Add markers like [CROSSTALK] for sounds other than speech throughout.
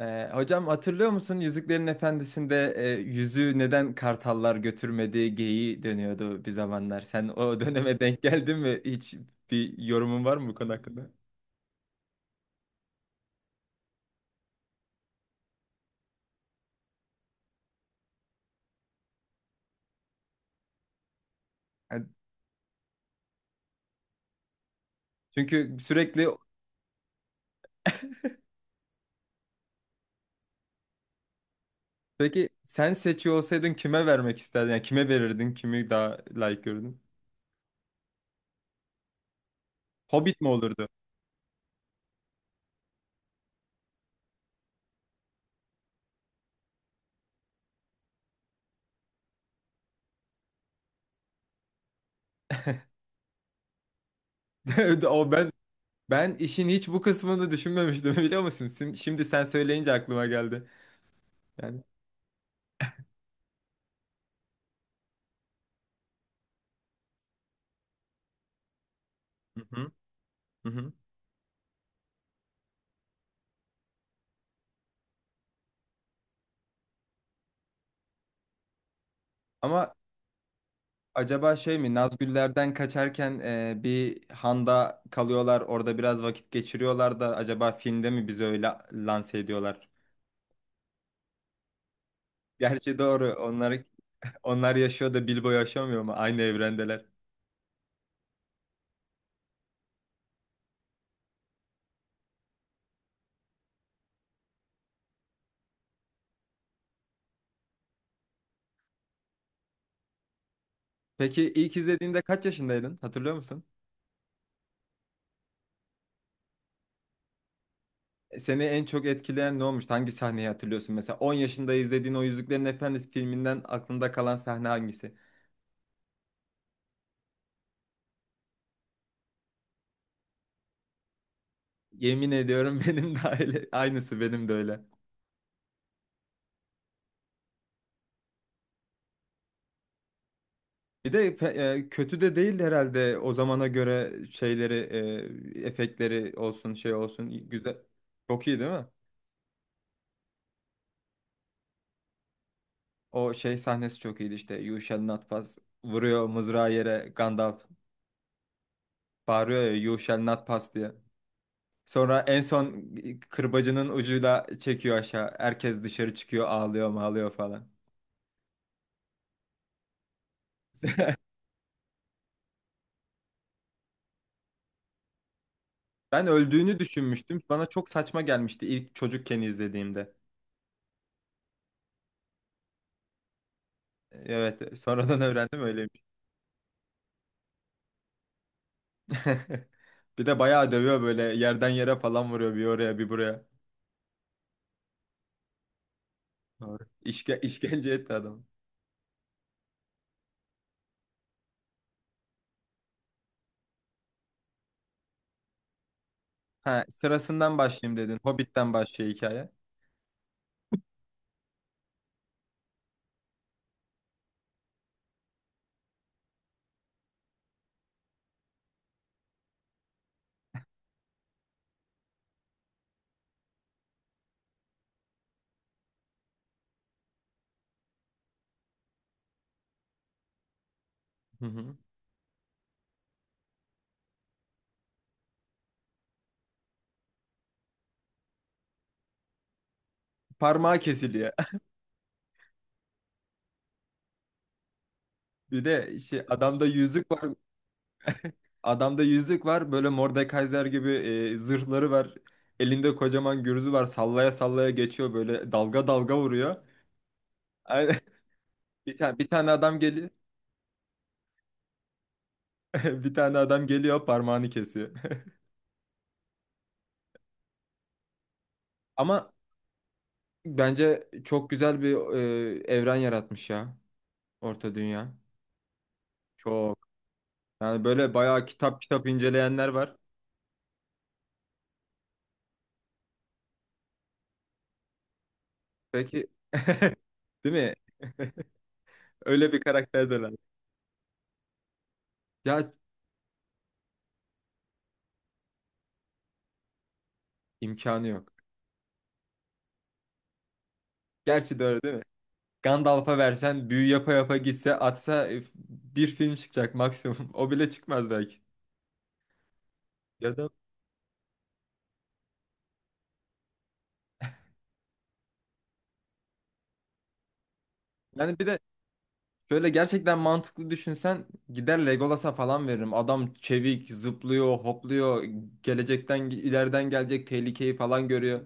Hocam hatırlıyor musun Yüzüklerin Efendisi'nde yüzüğü neden kartallar götürmedi geyiği dönüyordu bir zamanlar. Sen o döneme denk geldin mi? Hiç bir yorumun var mı bu konu hakkında? Yani. Çünkü sürekli. Peki sen seçiyor olsaydın kime vermek isterdin? Yani kime verirdin? Kimi daha layık görürdün? Hobbit mi olurdu? [LAUGHS] O ben ben işin hiç bu kısmını düşünmemiştim biliyor musun? Şimdi sen söyleyince aklıma geldi. Yani. Hı hı. Hı hı. Ama Acaba şey mi Nazgüller'den kaçarken bir handa kalıyorlar, orada biraz vakit geçiriyorlar da acaba filmde mi bizi öyle lanse ediyorlar? [LAUGHS] Gerçi doğru, onlar yaşıyor da Bilbo yaşamıyor mu? Aynı evrendeler. Peki ilk izlediğinde kaç yaşındaydın, hatırlıyor musun? Seni en çok etkileyen ne olmuştu? Hangi sahneyi hatırlıyorsun? Mesela 10 yaşında izlediğin o Yüzüklerin Efendisi filminden aklında kalan sahne hangisi? Yemin ediyorum [LAUGHS] benim de öyle. Aynısı benim de öyle. Bir de kötü de değil herhalde, o zamana göre şeyleri, efektleri olsun, şey olsun güzel. Çok iyi değil mi? O şey sahnesi çok iyiydi işte. You shall not pass. Vuruyor mızrağı yere Gandalf. Bağırıyor ya "You shall not pass" diye. Sonra en son kırbacının ucuyla çekiyor aşağı. Herkes dışarı çıkıyor, ağlıyor mağlıyor falan. Ben öldüğünü düşünmüştüm. Bana çok saçma gelmişti ilk çocukken izlediğimde. Evet, sonradan [LAUGHS] öğrendim öyle. [LAUGHS] Bir de bayağı dövüyor, böyle yerden yere falan vuruyor, bir oraya bir buraya. Doğru. İşke, işkence etti adam. Ha, sırasından başlayayım dedin. Hobbit'ten başlıyor hikaye. Hı hı. Parmağı kesiliyor. [LAUGHS] Bir de şey, adamda yüzük var. Adamda yüzük var. Böyle Mordekaiser gibi zırhları var. Elinde kocaman gürzü var. Sallaya sallaya geçiyor, böyle dalga dalga vuruyor. Aynen. [LAUGHS] Bir tane bir tane adam geliyor. [LAUGHS] Bir tane adam geliyor, parmağını kesiyor. [LAUGHS] Ama Bence çok güzel bir evren yaratmış ya, Orta Dünya. Çok. Yani böyle bayağı kitap kitap inceleyenler var. Peki [LAUGHS] değil mi? [LAUGHS] Öyle bir karakter döner. Ya, imkanı yok. Gerçi de öyle değil mi? Gandalf'a versen büyü yapa yapa gitse atsa, bir film çıkacak maksimum. [LAUGHS] O bile çıkmaz belki. Ya da yani bir de şöyle, gerçekten mantıklı düşünsen gider Legolas'a falan veririm. Adam çevik, zıplıyor, hopluyor, gelecekten, ileriden gelecek tehlikeyi falan görüyor.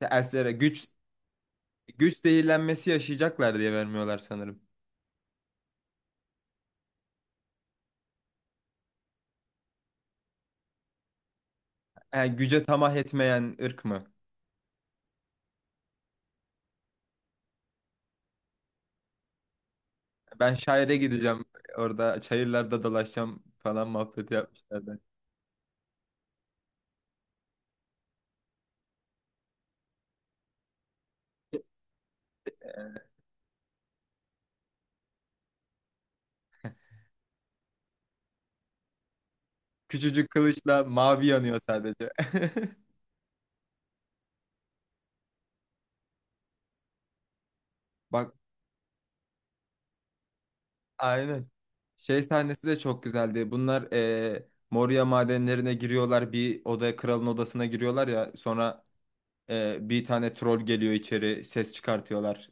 Ya, Elflere güç zehirlenmesi yaşayacaklar diye vermiyorlar sanırım. Yani güce tamah etmeyen ırk mı? Ben şaire gideceğim, orada çayırlarda dolaşacağım falan muhabbeti yapmışlardı. Küçücük kılıçla mavi yanıyor sadece. [LAUGHS] Bak. Aynen. Şey sahnesi de çok güzeldi. Bunlar Moria madenlerine giriyorlar. Bir odaya, kralın odasına giriyorlar ya. Sonra bir tane troll geliyor içeri. Ses çıkartıyorlar.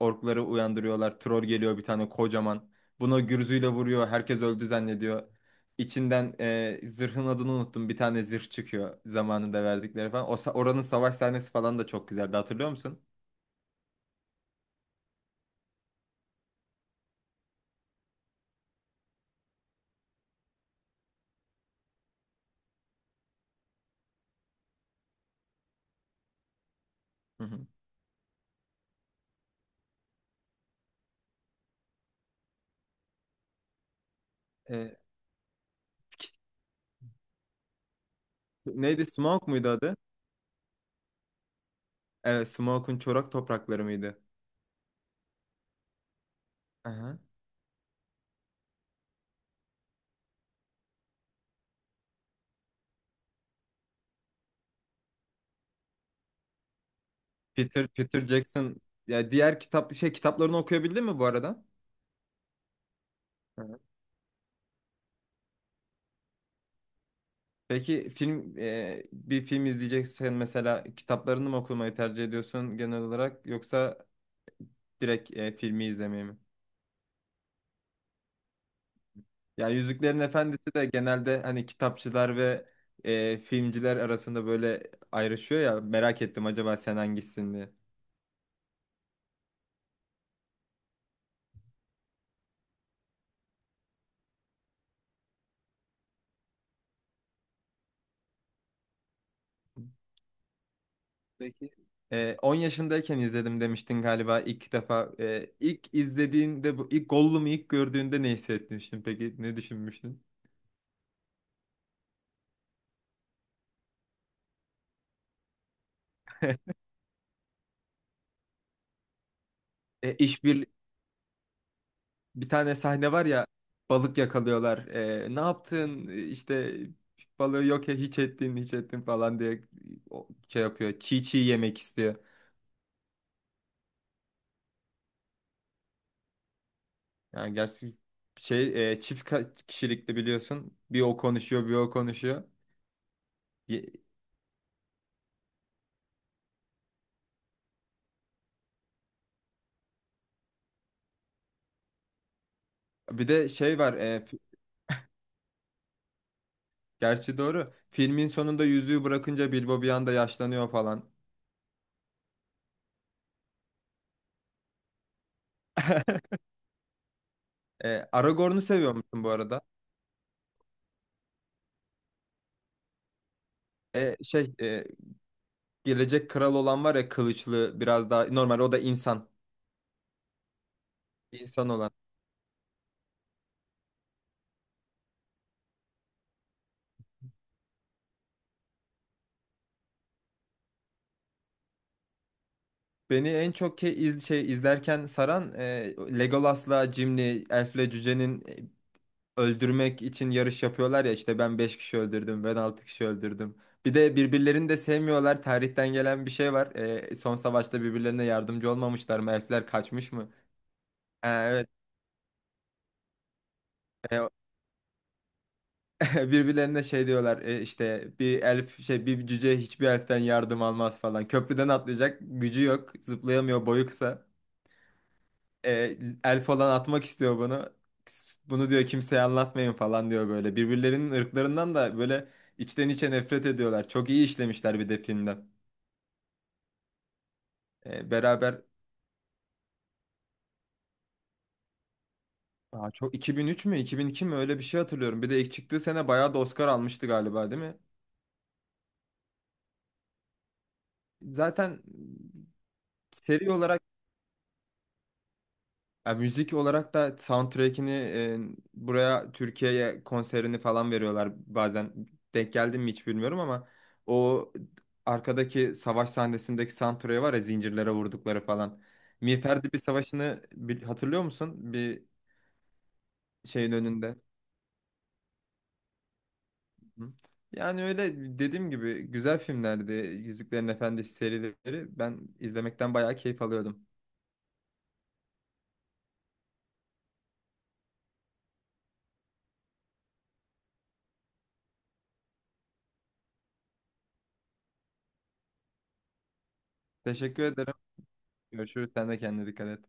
Orkları uyandırıyorlar. Troll geliyor, bir tane kocaman. Buna gürzüyle vuruyor. Herkes öldü zannediyor. İçinden zırhın adını unuttum. Bir tane zırh çıkıyor, zamanında verdikleri falan. Oranın savaş sahnesi falan da çok güzeldi. Hatırlıyor musun? Hı hı. Eee, neydi? Smoke muydu adı? Evet, Smoke'un çorak toprakları mıydı? Peter Jackson, ya diğer kitaplarını okuyabildin mi bu arada? Hı hı. Peki bir film izleyeceksen mesela, kitaplarını mı okumayı tercih ediyorsun genel olarak, yoksa direkt filmi izlemeyi mi? Ya Yüzüklerin Efendisi de genelde hani kitapçılar ve filmciler arasında böyle ayrışıyor ya, merak ettim acaba sen hangisin diye. Peki. 10 yaşındayken izledim demiştin galiba ilk defa. İlk izlediğinde, bu ilk Gollum'u ilk gördüğünde ne hissetmiştin peki? Ne düşünmüştün? İş bir bir tane sahne var ya, balık yakalıyorlar. Ne yaptın? İşte balığı yok ya, hiç ettin hiç ettin falan diye şey yapıyor. Çiğ çiğ yemek istiyor. Yani gerçi çift kişilikli biliyorsun. Bir o konuşuyor, bir o konuşuyor. Ye- Bir de şey var. Gerçi doğru. Filmin sonunda yüzüğü bırakınca Bilbo bir anda yaşlanıyor falan. [LAUGHS] Aragorn'u seviyor musun bu arada? E, şey e, gelecek kral olan var ya, kılıçlı, biraz daha normal, o da insan. İnsan olan. Beni en çok ke iz şey izlerken saran Legolas'la Gimli, Elf'le Cüce'nin öldürmek için yarış yapıyorlar ya, işte "ben 5 kişi öldürdüm", "ben 6 kişi öldürdüm". Bir de birbirlerini de sevmiyorlar. Tarihten gelen bir şey var. Son savaşta birbirlerine yardımcı olmamışlar mı? Elfler kaçmış mı? Ha, evet. E, [LAUGHS] Birbirlerine şey diyorlar, işte bir elf, şey, bir cüce hiçbir elften yardım almaz falan. Köprüden atlayacak gücü yok. Zıplayamıyor, boyu kısa. E, elf olan atmak istiyor bunu. Bunu diyor, kimseye anlatmayın falan diyor böyle. Birbirlerinin ırklarından da böyle içten içe nefret ediyorlar. Çok iyi işlemişler bir de filmde. E, beraber çok 2003 mü 2002 mi, öyle bir şey hatırlıyorum. Bir de ilk çıktığı sene bayağı da Oscar almıştı galiba, değil mi? Zaten seri olarak. Ya müzik olarak da soundtrack'ini buraya, Türkiye'ye konserini falan veriyorlar bazen. Denk geldim mi hiç bilmiyorum ama o arkadaki savaş sahnesindeki soundtrack'i var ya, zincirlere vurdukları falan. Miğferdi bir savaşını hatırlıyor musun? Bir şeyin önünde. Hı. Yani öyle, dediğim gibi güzel filmlerdi. Yüzüklerin Efendisi serileri, ben izlemekten bayağı keyif alıyordum. Teşekkür ederim. Görüşürüz. Sen de kendine dikkat et.